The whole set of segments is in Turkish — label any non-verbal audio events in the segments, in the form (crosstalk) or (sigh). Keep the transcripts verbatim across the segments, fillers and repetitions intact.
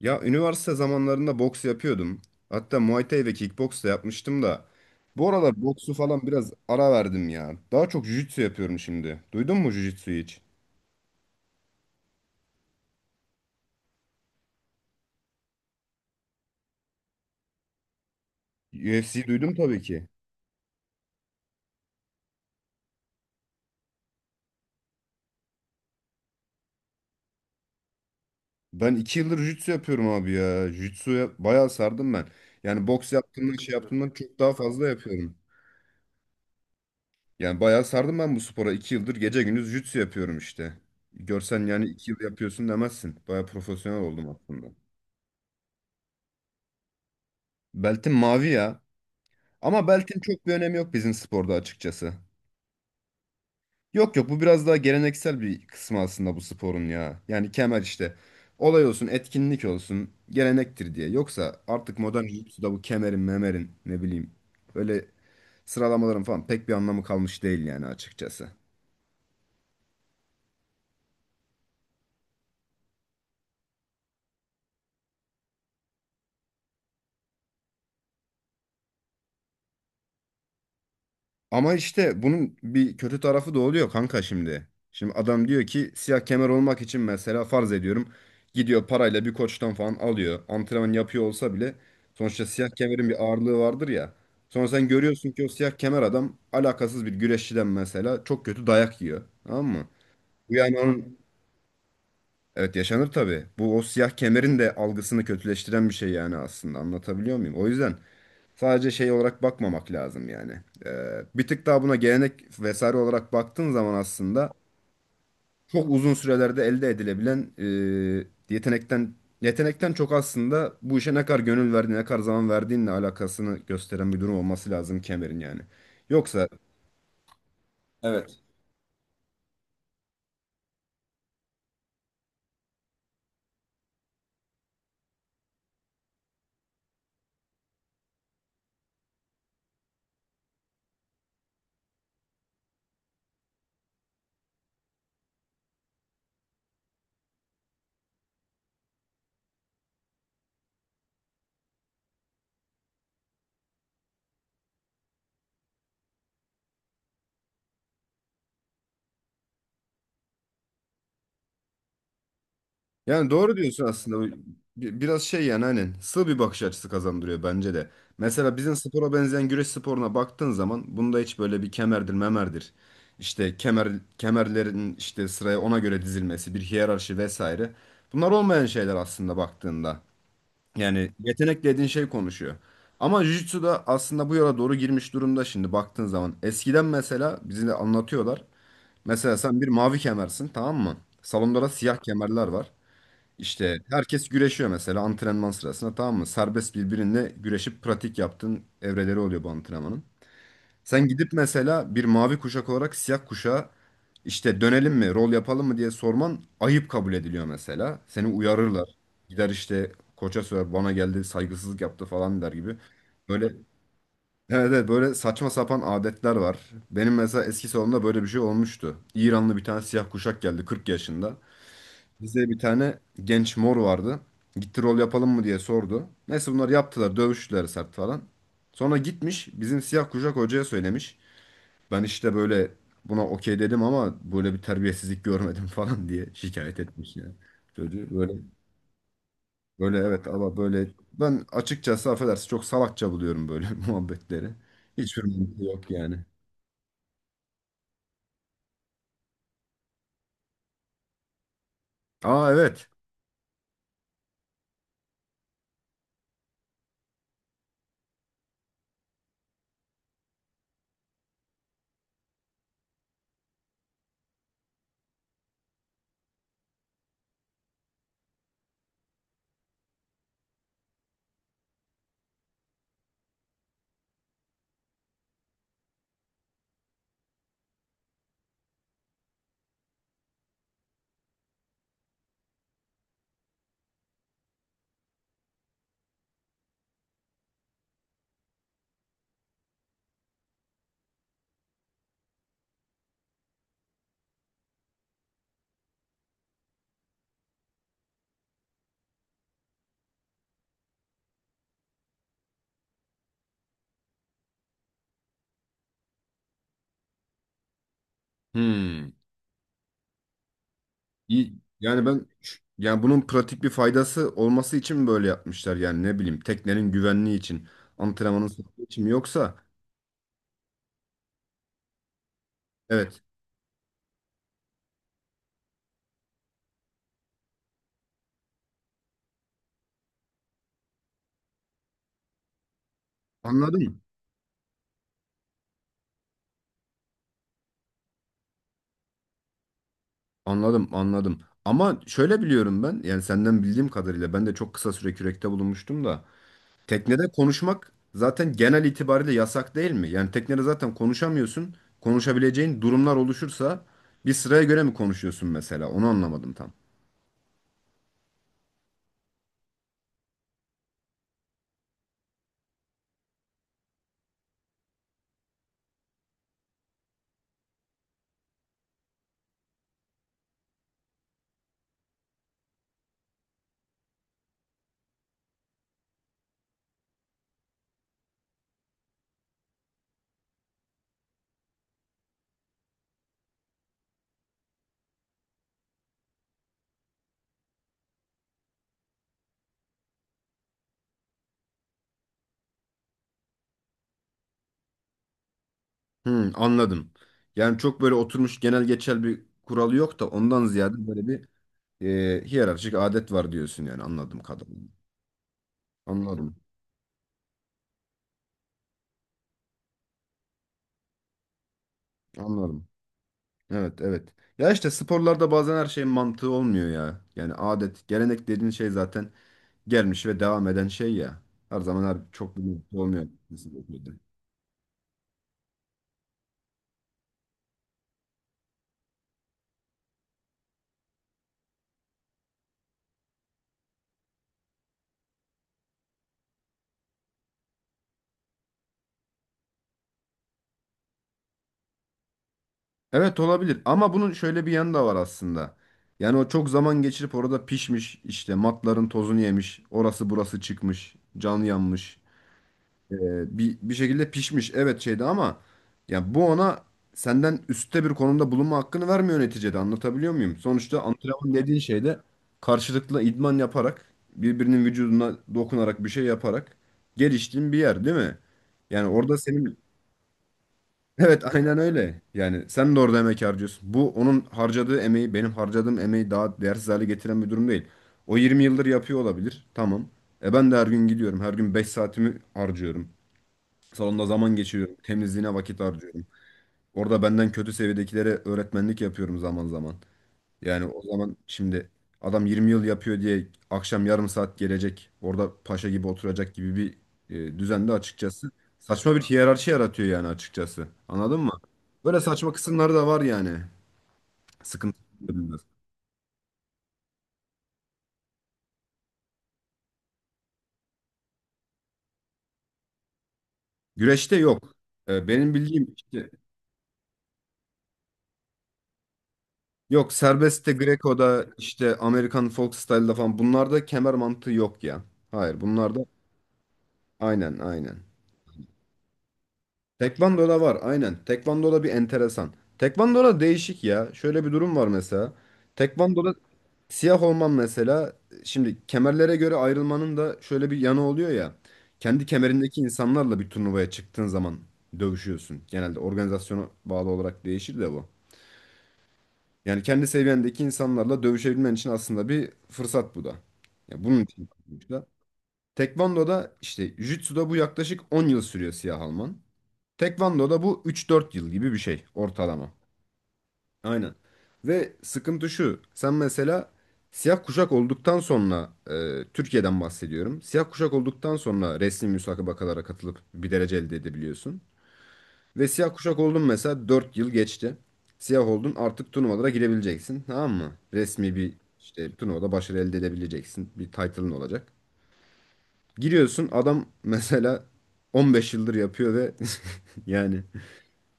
Ya üniversite zamanlarında boks yapıyordum. Hatta Muay Thai ve kickboks da yapmıştım da. Bu aralar boksu falan biraz ara verdim ya. Daha çok jiu-jitsu yapıyorum şimdi. Duydun mu jiu-jitsu'yu hiç? U F C'yi duydum tabii ki. Ben iki yıldır jiu-jitsu yapıyorum abi ya. Jiu-jitsu'ya bayağı sardım ben. Yani boks yaptığımdan şey yaptığımdan çok daha fazla yapıyorum. Yani bayağı sardım ben bu spora. iki yıldır gece gündüz jiu-jitsu yapıyorum işte. Görsen yani iki yıl yapıyorsun demezsin. Bayağı profesyonel oldum aslında. Beltim mavi ya. Ama beltin çok bir önemi yok bizim sporda açıkçası. Yok yok bu biraz daha geleneksel bir kısmı aslında bu sporun ya. Yani kemer işte. Olay olsun, etkinlik olsun, gelenektir diye. Yoksa artık modern jiu-jitsu'da bu kemerin, memerin ne bileyim böyle sıralamaların falan pek bir anlamı kalmış değil yani açıkçası. Ama işte bunun bir kötü tarafı da oluyor kanka şimdi. Şimdi adam diyor ki siyah kemer olmak için mesela farz ediyorum gidiyor parayla bir koçtan falan alıyor. Antrenman yapıyor olsa bile sonuçta siyah kemerin bir ağırlığı vardır ya. Sonra sen görüyorsun ki o siyah kemer adam alakasız bir güreşçiden mesela çok kötü dayak yiyor. Tamam mı? Bu yani onun, evet, yaşanır tabii. Bu o siyah kemerin de algısını kötüleştiren bir şey yani aslında anlatabiliyor muyum? O yüzden sadece şey olarak bakmamak lazım yani. Ee, bir tık daha buna gelenek vesaire olarak baktığın zaman aslında çok uzun sürelerde elde edilebilen e, yetenekten yetenekten çok aslında bu işe ne kadar gönül verdiğin, ne kadar zaman verdiğinle alakasını gösteren bir durum olması lazım kemerin yani. Yoksa. Evet. Yani doğru diyorsun aslında. Bu bi- biraz şey yani hani sığ bir bakış açısı kazandırıyor bence de. Mesela bizim spora benzeyen güreş sporuna baktığın zaman bunda hiç böyle bir kemerdir, memerdir. İşte kemer kemerlerin işte sıraya ona göre dizilmesi, bir hiyerarşi vesaire. Bunlar olmayan şeyler aslında baktığında. Yani yetenek dediğin şey konuşuyor. Ama Jiu-Jitsu da aslında bu yola doğru girmiş durumda şimdi baktığın zaman. Eskiden mesela bize de anlatıyorlar. Mesela sen bir mavi kemersin, tamam mı? Salonda da siyah kemerler var. İşte herkes güreşiyor mesela antrenman sırasında, tamam mı? Serbest birbirinle güreşip pratik yaptığın evreleri oluyor bu antrenmanın. Sen gidip mesela bir mavi kuşak olarak siyah kuşağa işte dönelim mi, rol yapalım mı diye sorman ayıp kabul ediliyor mesela. Seni uyarırlar. Gider işte koça söyler bana geldi saygısızlık yaptı falan der gibi. Böyle, evet, evet, böyle saçma sapan adetler var. Benim mesela eski salonumda böyle bir şey olmuştu. İranlı bir tane siyah kuşak geldi kırk yaşında. Bize bir tane genç mor vardı. Gitti rol yapalım mı diye sordu. Neyse bunlar yaptılar. Dövüştüler sert falan. Sonra gitmiş bizim siyah kuşak hocaya söylemiş. Ben işte böyle buna okey dedim ama böyle bir terbiyesizlik görmedim (laughs) falan diye şikayet etmiş ya. Çocuğu böyle böyle evet ama böyle ben açıkçası affedersin çok salakça buluyorum böyle (laughs) muhabbetleri. Hiçbir mantığı yok yani. Aa, evet. Hmm. İyi. Yani ben, yani bunun pratik bir faydası olması için böyle yapmışlar yani ne bileyim teknenin güvenliği için antrenmanın sağlığı için mi yoksa? Evet, anladım, anladım, anladım, ama şöyle biliyorum ben yani senden bildiğim kadarıyla ben de çok kısa süre kürekte bulunmuştum da teknede konuşmak zaten genel itibariyle yasak değil mi? Yani teknede zaten konuşamıyorsun, konuşabileceğin durumlar oluşursa bir sıraya göre mi konuşuyorsun mesela onu anlamadım tam. Hmm, anladım. Yani çok böyle oturmuş genel geçer bir kuralı yok da ondan ziyade böyle bir e, hiyerarşik adet var diyorsun yani anladım kadarıyla. Anladım. Anladım. Evet, evet. Ya işte sporlarda bazen her şeyin mantığı olmuyor ya. Yani adet, gelenek dediğin şey zaten gelmiş ve devam eden şey ya. Her zaman her çok bir mantığı olmuyor. Evet olabilir ama bunun şöyle bir yanı da var aslında. Yani o çok zaman geçirip orada pişmiş işte matların tozunu yemiş orası burası çıkmış can yanmış. Ee, bir, bir şekilde pişmiş, evet, şeydi ama ya bu ona senden üstte bir konumda bulunma hakkını vermiyor neticede anlatabiliyor muyum? Sonuçta antrenman dediğin şeyde karşılıklı idman yaparak birbirinin vücuduna dokunarak bir şey yaparak geliştiğin bir yer değil mi? Yani orada senin. Evet, aynen öyle. Yani sen de orada emek harcıyorsun. Bu onun harcadığı emeği benim harcadığım emeği daha değersiz hale getiren bir durum değil. O yirmi yıldır yapıyor olabilir. Tamam. E ben de her gün gidiyorum. Her gün beş saatimi harcıyorum. Salonda zaman geçiriyorum. Temizliğine vakit harcıyorum. Orada benden kötü seviyedekilere öğretmenlik yapıyorum zaman zaman. Yani o zaman şimdi adam yirmi yıl yapıyor diye akşam yarım saat gelecek orada paşa gibi oturacak gibi bir e, düzende açıkçası saçma bir hiyerarşi yaratıyor yani açıkçası. Anladın mı? Böyle saçma kısımları da var yani. Sıkıntı. Güreşte yok. E, benim bildiğim işte yok serbestte Greco'da işte Amerikan folk style'da falan bunlarda kemer mantığı yok ya. Hayır bunlarda aynen, aynen. Tekvando'da var, aynen. Tekvando'da bir enteresan. Tekvando'da değişik ya. Şöyle bir durum var mesela. Tekvando'da siyah olman mesela şimdi kemerlere göre ayrılmanın da şöyle bir yanı oluyor ya. Kendi kemerindeki insanlarla bir turnuvaya çıktığın zaman dövüşüyorsun. Genelde organizasyona bağlı olarak değişir de bu. Yani kendi seviyendeki insanlarla dövüşebilmen için aslında bir fırsat bu da. Ya bunun için yapılmış da. Tekvando'da işte Jitsu'da bu yaklaşık on yıl sürüyor siyah alman. Tekvando'da bu üç dört yıl gibi bir şey ortalama. Aynen. Ve sıkıntı şu. Sen mesela siyah kuşak olduktan sonra e, Türkiye'den bahsediyorum. Siyah kuşak olduktan sonra resmi müsabakalara katılıp bir derece elde edebiliyorsun. Ve siyah kuşak oldun mesela dört yıl geçti. Siyah oldun artık turnuvalara girebileceksin. Tamam mı? Resmi bir işte turnuvada başarı elde edebileceksin. Bir title'ın olacak. Giriyorsun adam (laughs) mesela on beş yıldır yapıyor ve (laughs) yani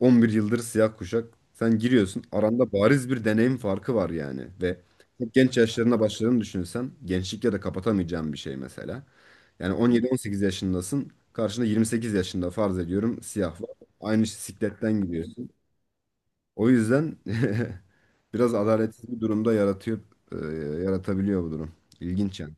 on bir yıldır siyah kuşak. Sen giriyorsun. Aranda bariz bir deneyim farkı var yani. Ve çok genç yaşlarına başladığını düşünürsen gençlikle de kapatamayacağın bir şey mesela. Yani on yedi on sekiz yaşındasın. Karşında yirmi sekiz yaşında farz ediyorum siyah var. Aynı sikletten gidiyorsun. O yüzden (laughs) biraz adaletsiz bir durumda yaratıyor, e, yaratabiliyor bu durum. İlginç yani.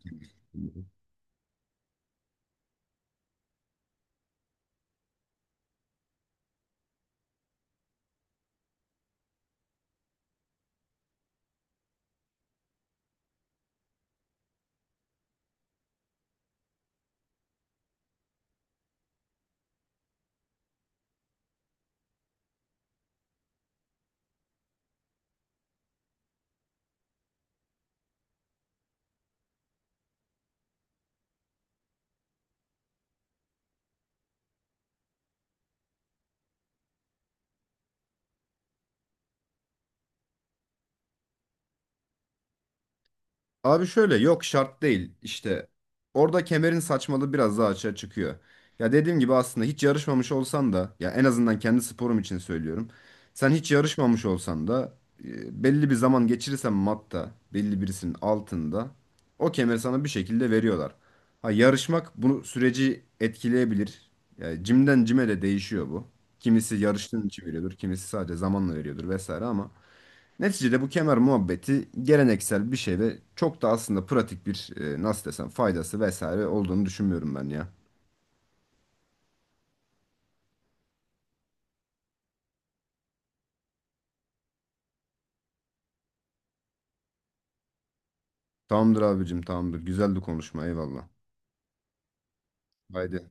Abi şöyle yok şart değil işte orada kemerin saçmalığı biraz daha açığa çıkıyor. Ya dediğim gibi aslında hiç yarışmamış olsan da ya en azından kendi sporum için söylüyorum. Sen hiç yarışmamış olsan da e, belli bir zaman geçirirsen matta belli birisinin altında o kemeri sana bir şekilde veriyorlar. Ha yarışmak bu süreci etkileyebilir. Yani cimden cime de değişiyor bu. Kimisi yarıştığın için veriyordur, kimisi sadece zamanla veriyordur vesaire ama. Neticede bu kemer muhabbeti geleneksel bir şey ve çok da aslında pratik bir e, nasıl desem faydası vesaire olduğunu düşünmüyorum ben ya. Tamamdır abicim, tamamdır. Güzeldi konuşma, eyvallah. Haydi.